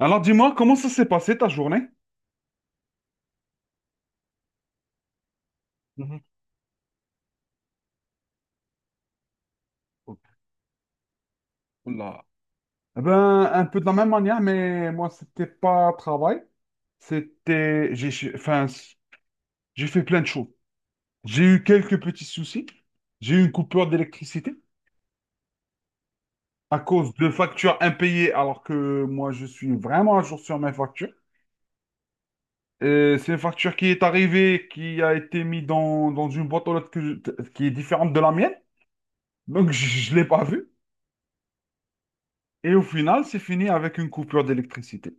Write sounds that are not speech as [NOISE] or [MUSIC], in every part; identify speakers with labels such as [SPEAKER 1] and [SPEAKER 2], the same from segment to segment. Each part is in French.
[SPEAKER 1] Alors dis-moi, comment ça s'est passé ta journée? Mhm. Oula. Eh ben, un peu de la même manière, mais moi, c'était pas travail. C'était. J'ai fait plein de choses. J'ai eu quelques petits soucis. J'ai eu une coupure d'électricité à cause de factures impayées, alors que moi, je suis vraiment à jour sur mes factures. Et c'est une facture qui est arrivée, qui a été mise dans une boîte aux lettres qui est différente de la mienne. Donc, [LAUGHS] je ne l'ai pas vue. Et au final, c'est fini avec une coupure d'électricité.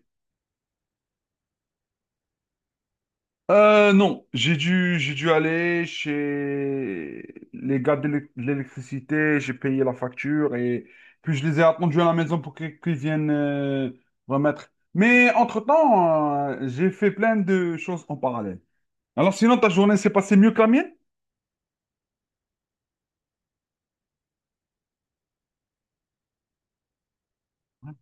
[SPEAKER 1] Non, j'ai dû aller chez les gars de l'électricité, j'ai payé la facture et puis je les ai attendus à la maison pour qu'ils viennent remettre. Mais entre-temps, j'ai fait plein de choses en parallèle. Alors sinon, ta journée s'est passée mieux que la mienne? Ouais.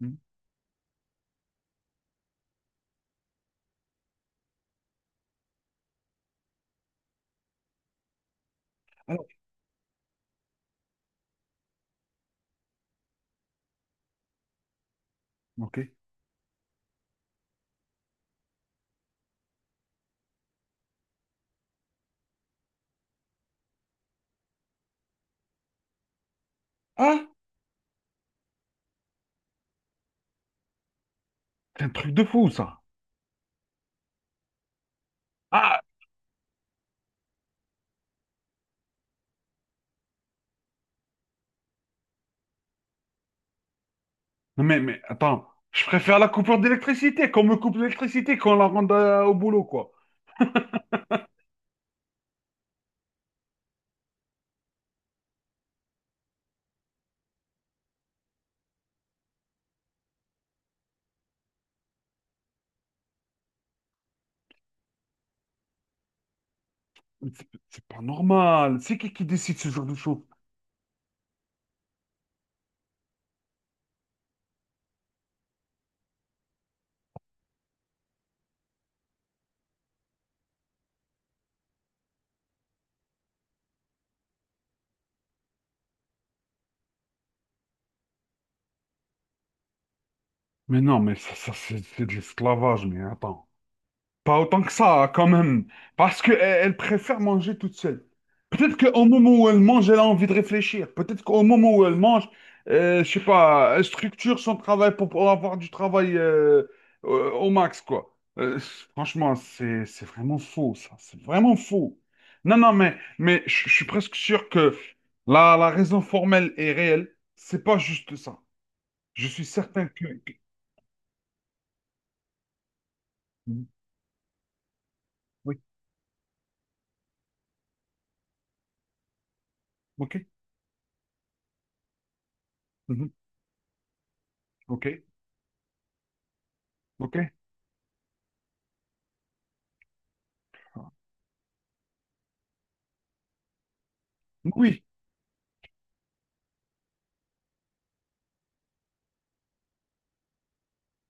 [SPEAKER 1] Mhm. Alors, ok. Ah, c'est un truc de fou ça. Ah, mais attends, je préfère la coupure d'électricité, qu'on me coupe l'électricité, qu'on la rende au boulot, quoi. Mais c'est pas normal. C'est qui décide ce genre de choses? Mais non, mais ça, c'est de l'esclavage, mais attends. Pas autant que ça, quand même. Parce qu'elle elle préfère manger toute seule. Peut-être qu'au moment où elle mange, elle a envie de réfléchir. Peut-être qu'au moment où elle mange, je sais pas, elle structure son travail pour pouvoir avoir du travail au max, quoi. Franchement, c'est vraiment faux, ça. C'est vraiment faux. Non, non, mais je suis presque sûr que la raison formelle est réelle. C'est pas juste ça. Je suis certain que- Mhm. Oui, ok. Mhm. Ok, ok. Oui,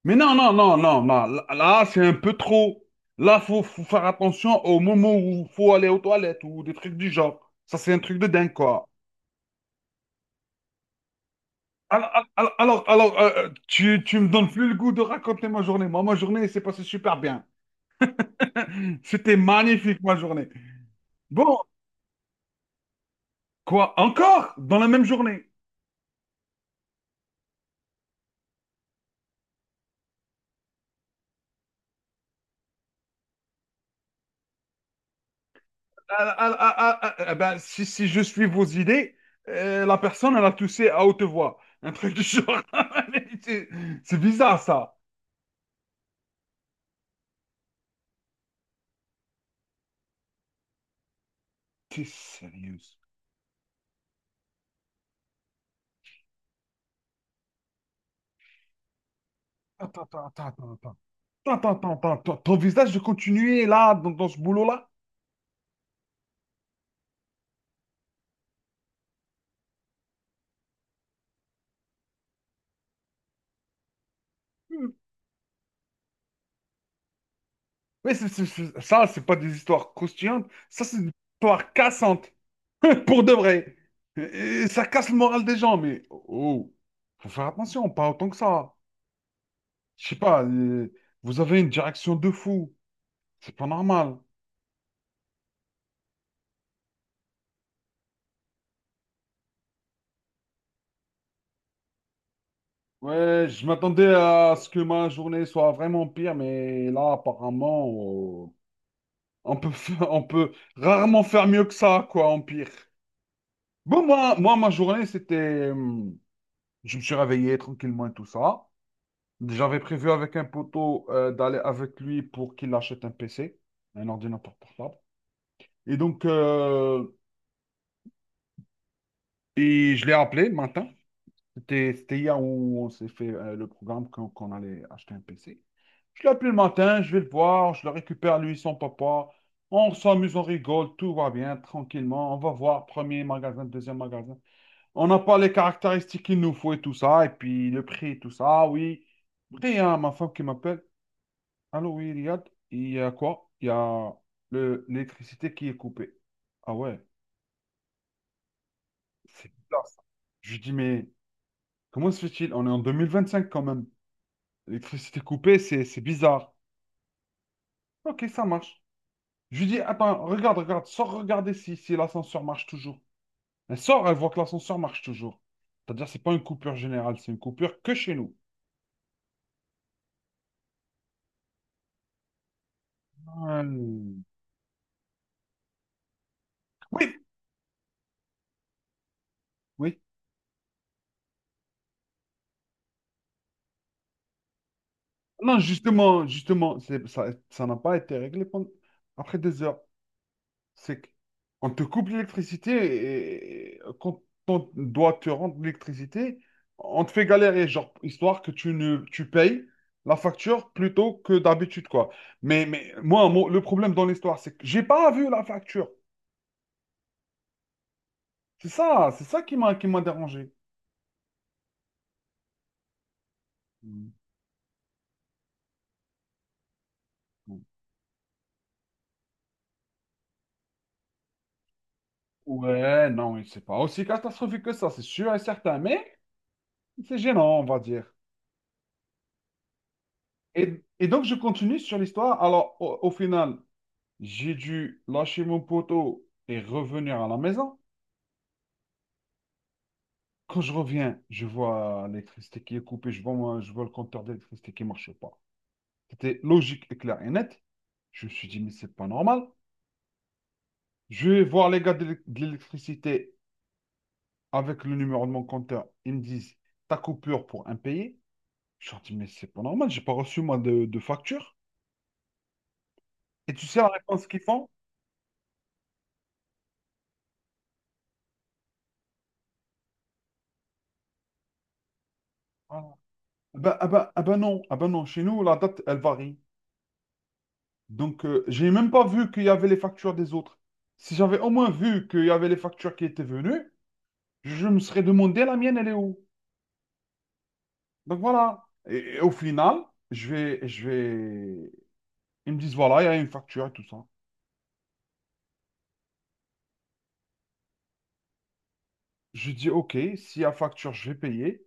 [SPEAKER 1] mais non, non, non, non, non. Là, là, c'est un peu trop. Là, faut faire attention au moment où faut aller aux toilettes ou des trucs du genre. Ça, c'est un truc de dingue, quoi. Alors, tu me donnes plus le goût de raconter ma journée. Moi, ma journée, elle s'est passée super bien. [LAUGHS] C'était magnifique, ma journée. Bon, quoi, encore dans la même journée. Ah, ah, ah, ah, ah, ah, eh ben, si, si je suis vos idées, la personne, elle a toussé à haute voix. Un truc du genre. [LAUGHS] C'est bizarre, ça. T'es sérieuse. Attends, attends, attends, attends, attends. Attends, attends, attends, attends. Ton visage de continuer là, dans ce boulot-là? Hmm. Oui, ça, c'est pas des histoires croustillantes. Ça, c'est des histoires cassantes. [LAUGHS] Pour de vrai. Et- et ça casse le moral des gens, mais oh, faut faire attention, pas autant que ça. Je sais pas, vous avez une direction de fou. C'est pas normal. Ouais, je m'attendais à ce que ma journée soit vraiment pire, mais là, apparemment, oh, on peut, fa- [LAUGHS] on peut rarement faire mieux que ça, quoi, en pire. Bon, moi ma journée, c'était... je me suis réveillé tranquillement et tout ça. J'avais prévu avec un poteau d'aller avec lui pour qu'il achète un PC, un ordinateur portable. Et donc, je l'ai appelé le matin. C'était hier où on s'est fait le programme qu'on allait acheter un PC. Je l'appelle le matin, je vais le voir, je le récupère lui, son papa. On s'amuse, on rigole, tout va bien, tranquillement. On va voir premier magasin, deuxième magasin. On n'a pas les caractéristiques qu'il nous faut et tout ça, et puis le prix et tout ça. Ah oui. Après, il y a ma femme qui m'appelle. Allô, oui, Riyad, il y a quoi? Il y a l'électricité qui est coupée. Ah ouais, c'est bizarre ça. Je lui dis, mais comment se fait-il? On est en 2025 quand même. L'électricité coupée, c'est bizarre. Ok, ça marche. Je lui dis, attends, regarde, sors regarder si l'ascenseur marche toujours. Elle sort, elle voit que l'ascenseur marche toujours. C'est-à-dire, c'est pas une coupure générale, c'est une coupure que chez nous. Hum, Oui, oui. Non, justement, justement, c'est- ça n'a pas été réglé pendant- après des heures. C'est qu'on te coupe l'électricité et quand on doit te rendre l'électricité, on te fait galérer, genre, histoire que tu ne tu payes la facture plutôt que d'habitude, quoi. Mais moi, le problème dans l'histoire, c'est que j'ai pas vu la facture. C'est ça qui m'a dérangé. Mm. Ouais, non, mais c'est pas aussi catastrophique que ça, c'est sûr et certain, mais c'est gênant, on va dire. Et donc, je continue sur l'histoire. Alors, au final, j'ai dû lâcher mon poteau et revenir à la maison. Quand je reviens, je vois l'électricité qui est coupée, je vois le compteur d'électricité qui ne marche pas. C'était logique et clair et net. Je me suis dit, mais c'est pas normal. Je vais voir les gars de l'électricité avec le numéro de mon compteur. Ils me disent, ta coupure pour impayé. Je leur dis, mais c'est pas normal, j'ai pas reçu moi de facture. Et tu sais la réponse qu'ils font? Ah, ah ben, ah ben non, chez nous, la date, elle varie. Donc, j'ai même pas vu qu'il y avait les factures des autres. Si j'avais au moins vu qu'il y avait les factures qui étaient venues, je me serais demandé la mienne, elle est où? Donc voilà. Et au final, je vais. Ils me disent, voilà, il y a une facture et tout ça. Je dis, ok, s'il y a facture, je vais payer.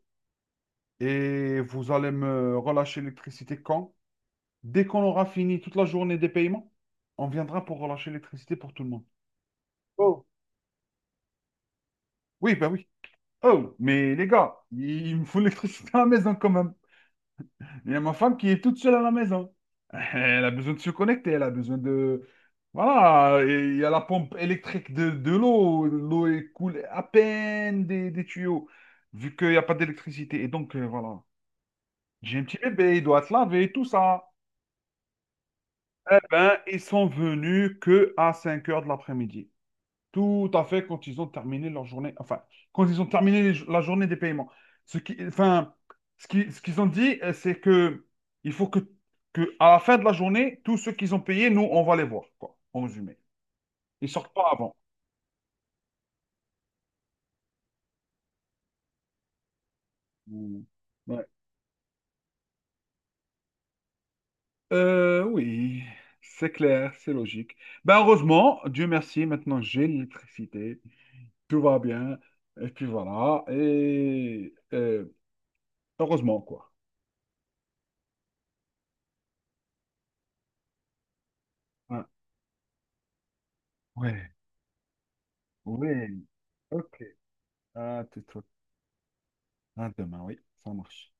[SPEAKER 1] Et vous allez me relâcher l'électricité quand? Dès qu'on aura fini toute la journée des paiements, on viendra pour relâcher l'électricité pour tout le monde. Oh, oui, ben oui. Oh, mais les gars, il me faut l'électricité à la maison quand même. Il y a ma femme qui est toute seule à la maison. [LAUGHS] Elle a besoin de se connecter, elle a besoin de... Voilà, et il y a la pompe électrique de l'eau. L'eau est coule à peine des tuyaux, vu qu'il n'y a pas d'électricité. Et donc, voilà. J'ai un petit bébé, il doit se laver, tout ça. Eh ben, ils sont venus que à 17h. Tout à fait, quand ils ont terminé leur journée, enfin, quand ils ont terminé la journée des paiements. Ce qui, enfin, ce qu'ils ont dit, c'est que il faut que à la fin de la journée, tous ceux qu'ils ont payés, nous, on va les voir, quoi, en résumé. Ils sortent pas avant. Mm. Ouais. Oui, c'est clair, c'est logique. Ben, heureusement, Dieu merci, maintenant j'ai l'électricité, tout va bien, et puis voilà, heureusement, quoi. Hein. Ouais, ouais, ok. À tout. À demain, oui, ça marche.